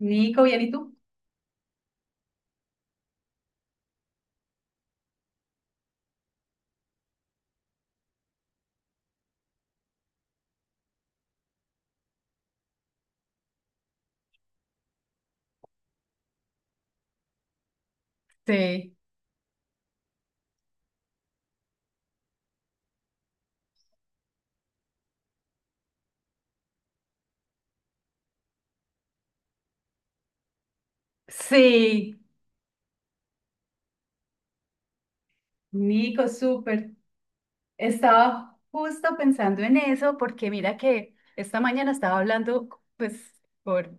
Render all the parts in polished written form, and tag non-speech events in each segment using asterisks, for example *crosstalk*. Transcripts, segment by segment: Nico, ¿bien y tú? Sí, Nico, súper. Estaba justo pensando en eso porque mira que esta mañana estaba hablando pues por,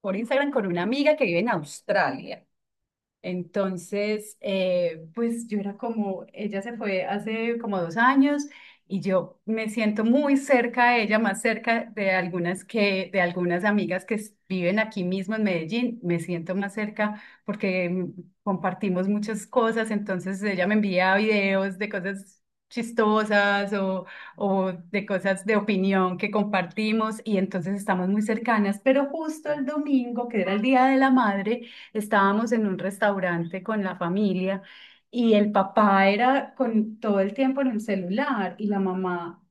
por Instagram con una amiga que vive en Australia. Entonces, pues yo era como, ella se fue hace como 2 años y yo me siento muy cerca de ella, más cerca de algunas amigas que viven aquí mismo en Medellín, me siento más cerca porque compartimos muchas cosas, entonces ella me envía videos de cosas chistosas o de cosas de opinión que compartimos y entonces estamos muy cercanas, pero justo el domingo, que era el Día de la Madre, estábamos en un restaurante con la familia y el papá era con todo el tiempo en el celular y la mamá,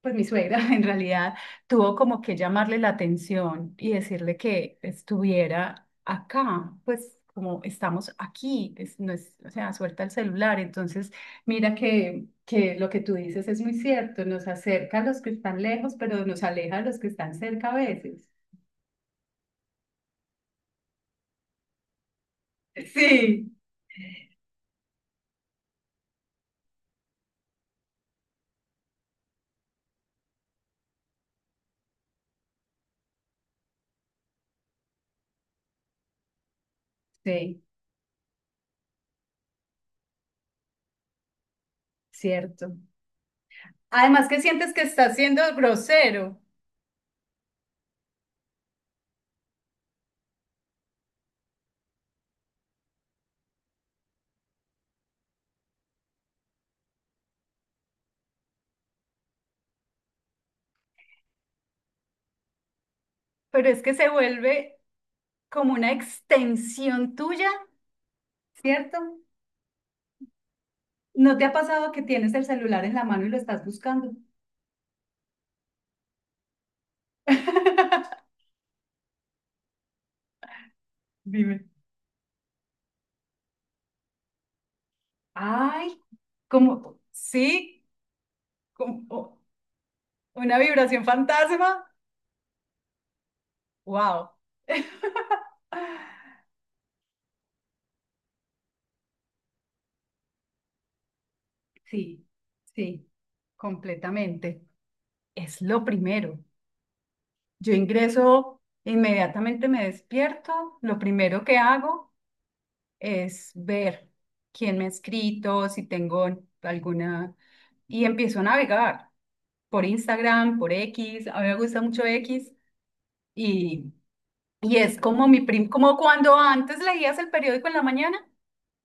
pues mi suegra *laughs* en realidad, tuvo como que llamarle la atención y decirle que estuviera acá, pues como estamos aquí, no es, o sea, suelta el celular. Entonces, mira que lo que tú dices es muy cierto, nos acerca a los que están lejos, pero nos aleja a los que están cerca a veces. Sí, sí, cierto. Además que sientes que estás siendo grosero, pero es que se vuelve como una extensión tuya, ¿cierto? ¿No te ha pasado que tienes el celular en la mano y lo estás buscando? *laughs* Dime. Ay, como, sí, como oh, una vibración fantasma. Wow. *laughs* Sí, sí, completamente. Es lo primero. Yo ingreso, inmediatamente me despierto, lo primero que hago es ver quién me ha escrito, si tengo alguna, y empiezo a navegar por Instagram, por X, a mí me gusta mucho X, y, y es como como cuando antes leías el periódico en la mañana,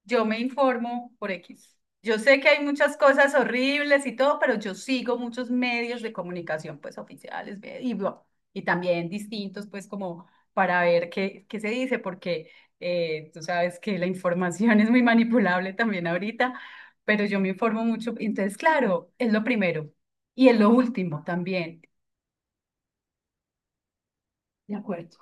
yo me informo por X. Yo sé que hay muchas cosas horribles y todo, pero yo sigo muchos medios de comunicación, pues oficiales y, bueno, y también distintos, pues como para ver qué se dice, porque tú sabes que la información *laughs* es muy manipulable también ahorita, pero yo me informo mucho. Entonces, claro, es lo primero y es lo último también. De acuerdo.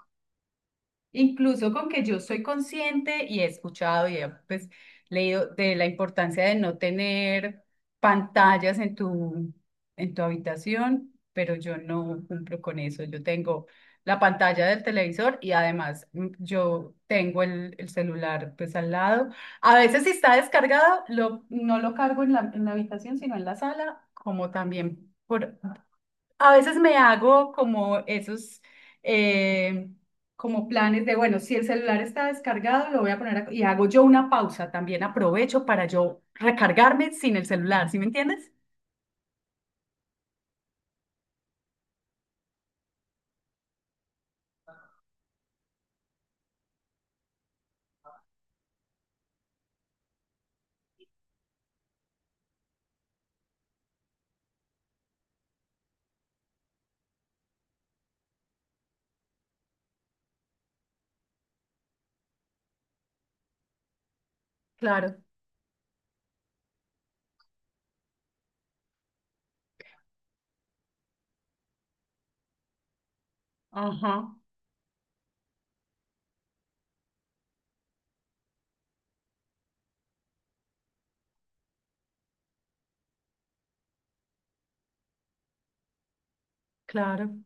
Incluso con que yo soy consciente y he escuchado y he pues, leído de la importancia de no tener pantallas en tu habitación, pero yo no cumplo con eso. Yo tengo la pantalla del televisor y además yo tengo el celular pues al lado. A veces si está descargado, no lo cargo en la habitación, sino en la sala, como también por a veces me hago como esos, eh, como planes de, bueno, si el celular está descargado, lo voy a poner y hago yo una pausa, también aprovecho para yo recargarme sin el celular, ¿sí me entiendes? Claro, ajá, claro.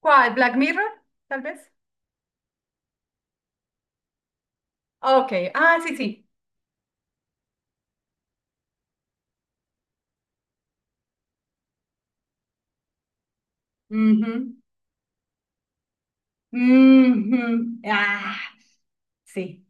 ¿Cuál? ¿Black Mirror? Tal vez. Ok, ah, sí, sí. Ujú, ujú, ah, sí.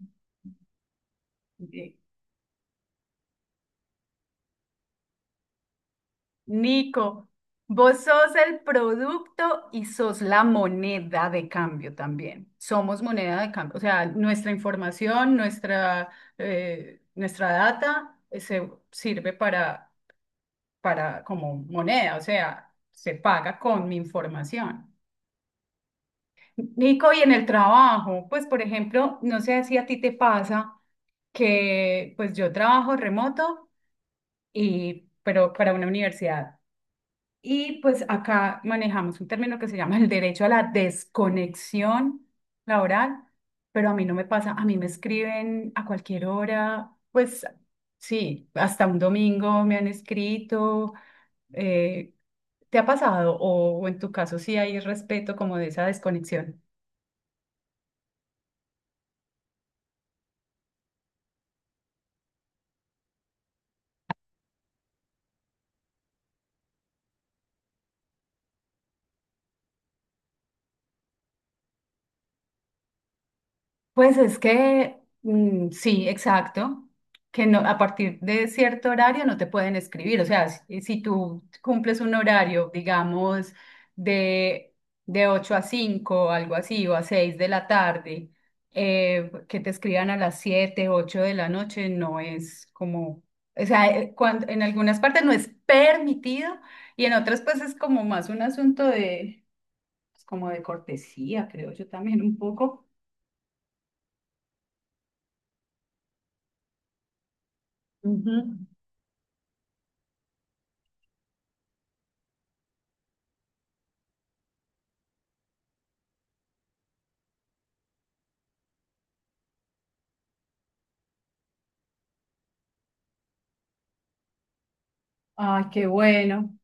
Nico, vos sos el producto y sos la moneda de cambio también. Somos moneda de cambio. O sea, nuestra información, nuestra data se sirve para como moneda. O sea, se paga con mi información. Nico, y en el trabajo, pues por ejemplo, no sé si a ti te pasa que pues yo trabajo remoto y pero para una universidad. Y pues acá manejamos un término que se llama el derecho a la desconexión laboral, pero a mí no me pasa, a mí me escriben a cualquier hora, pues sí, hasta un domingo me han escrito. eh, ¿Te ha pasado? O en tu caso sí hay respeto como de esa desconexión. Pues es que sí, exacto, que no, a partir de cierto horario no te pueden escribir, o sea, si tú cumples un horario, digamos, de, de 8 a 5, algo así, o a 6 de la tarde, que te escriban a las 7, 8 de la noche, no es como, o sea, cuando, en algunas partes no es permitido y en otras pues es como más un asunto de, pues, como de cortesía, creo yo también un poco. Ujú. Ay, qué bueno,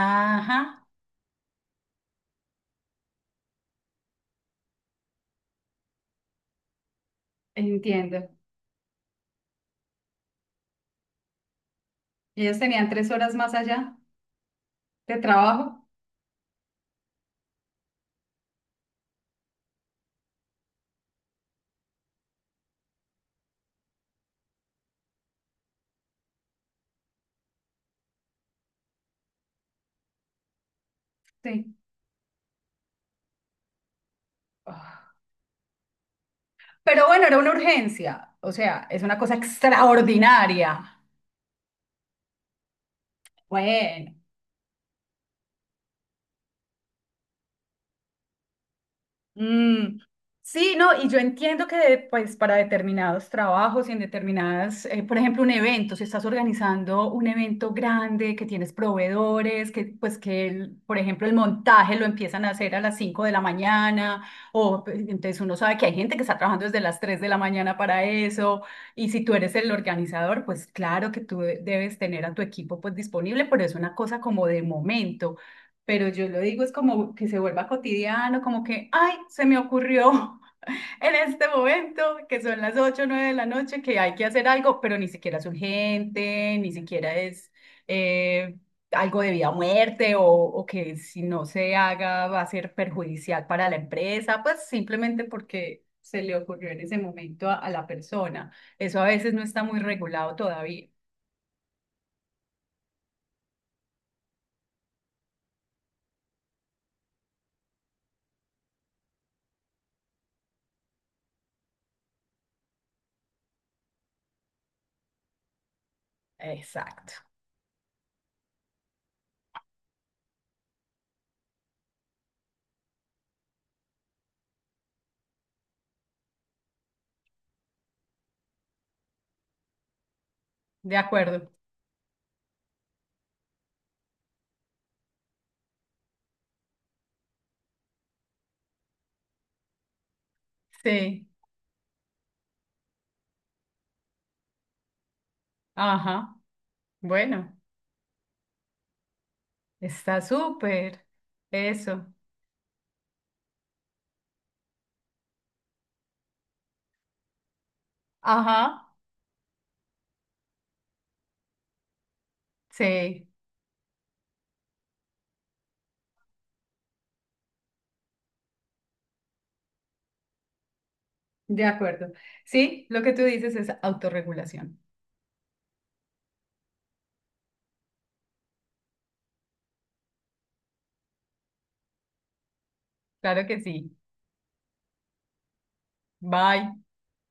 ajá. Entiendo. ¿Y ellos tenían 3 horas más allá de trabajo? Sí. Ah, pero bueno, era una urgencia. O sea, es una cosa extraordinaria. Bueno. Mm, sí, no, y yo entiendo que pues para determinados trabajos y en determinadas, por ejemplo, un evento, si estás organizando un evento grande, que tienes proveedores, que pues que, el- por ejemplo, el montaje lo empiezan a hacer a las 5 de la mañana, o pues, entonces uno sabe que hay gente que está trabajando desde las 3 de la mañana para eso, y si tú eres el organizador, pues claro que tú debes tener a tu equipo pues disponible, pero es una cosa como de momento pero yo lo digo, es como que se vuelva cotidiano, como que, ay, se me ocurrió *laughs* en este momento, que son las ocho o 9 de la noche, que hay que hacer algo, pero ni siquiera es urgente, ni siquiera es eh, algo de vida o muerte, o que si no se haga va a ser perjudicial para la empresa, pues simplemente porque se le ocurrió en ese momento a la persona. Eso a veces no está muy regulado todavía. Exacto. De acuerdo. Sí. Ajá. Bueno. Está súper. Eso. Ajá. Sí, de acuerdo. Sí, lo que tú dices es autorregulación. Claro que sí. Bye.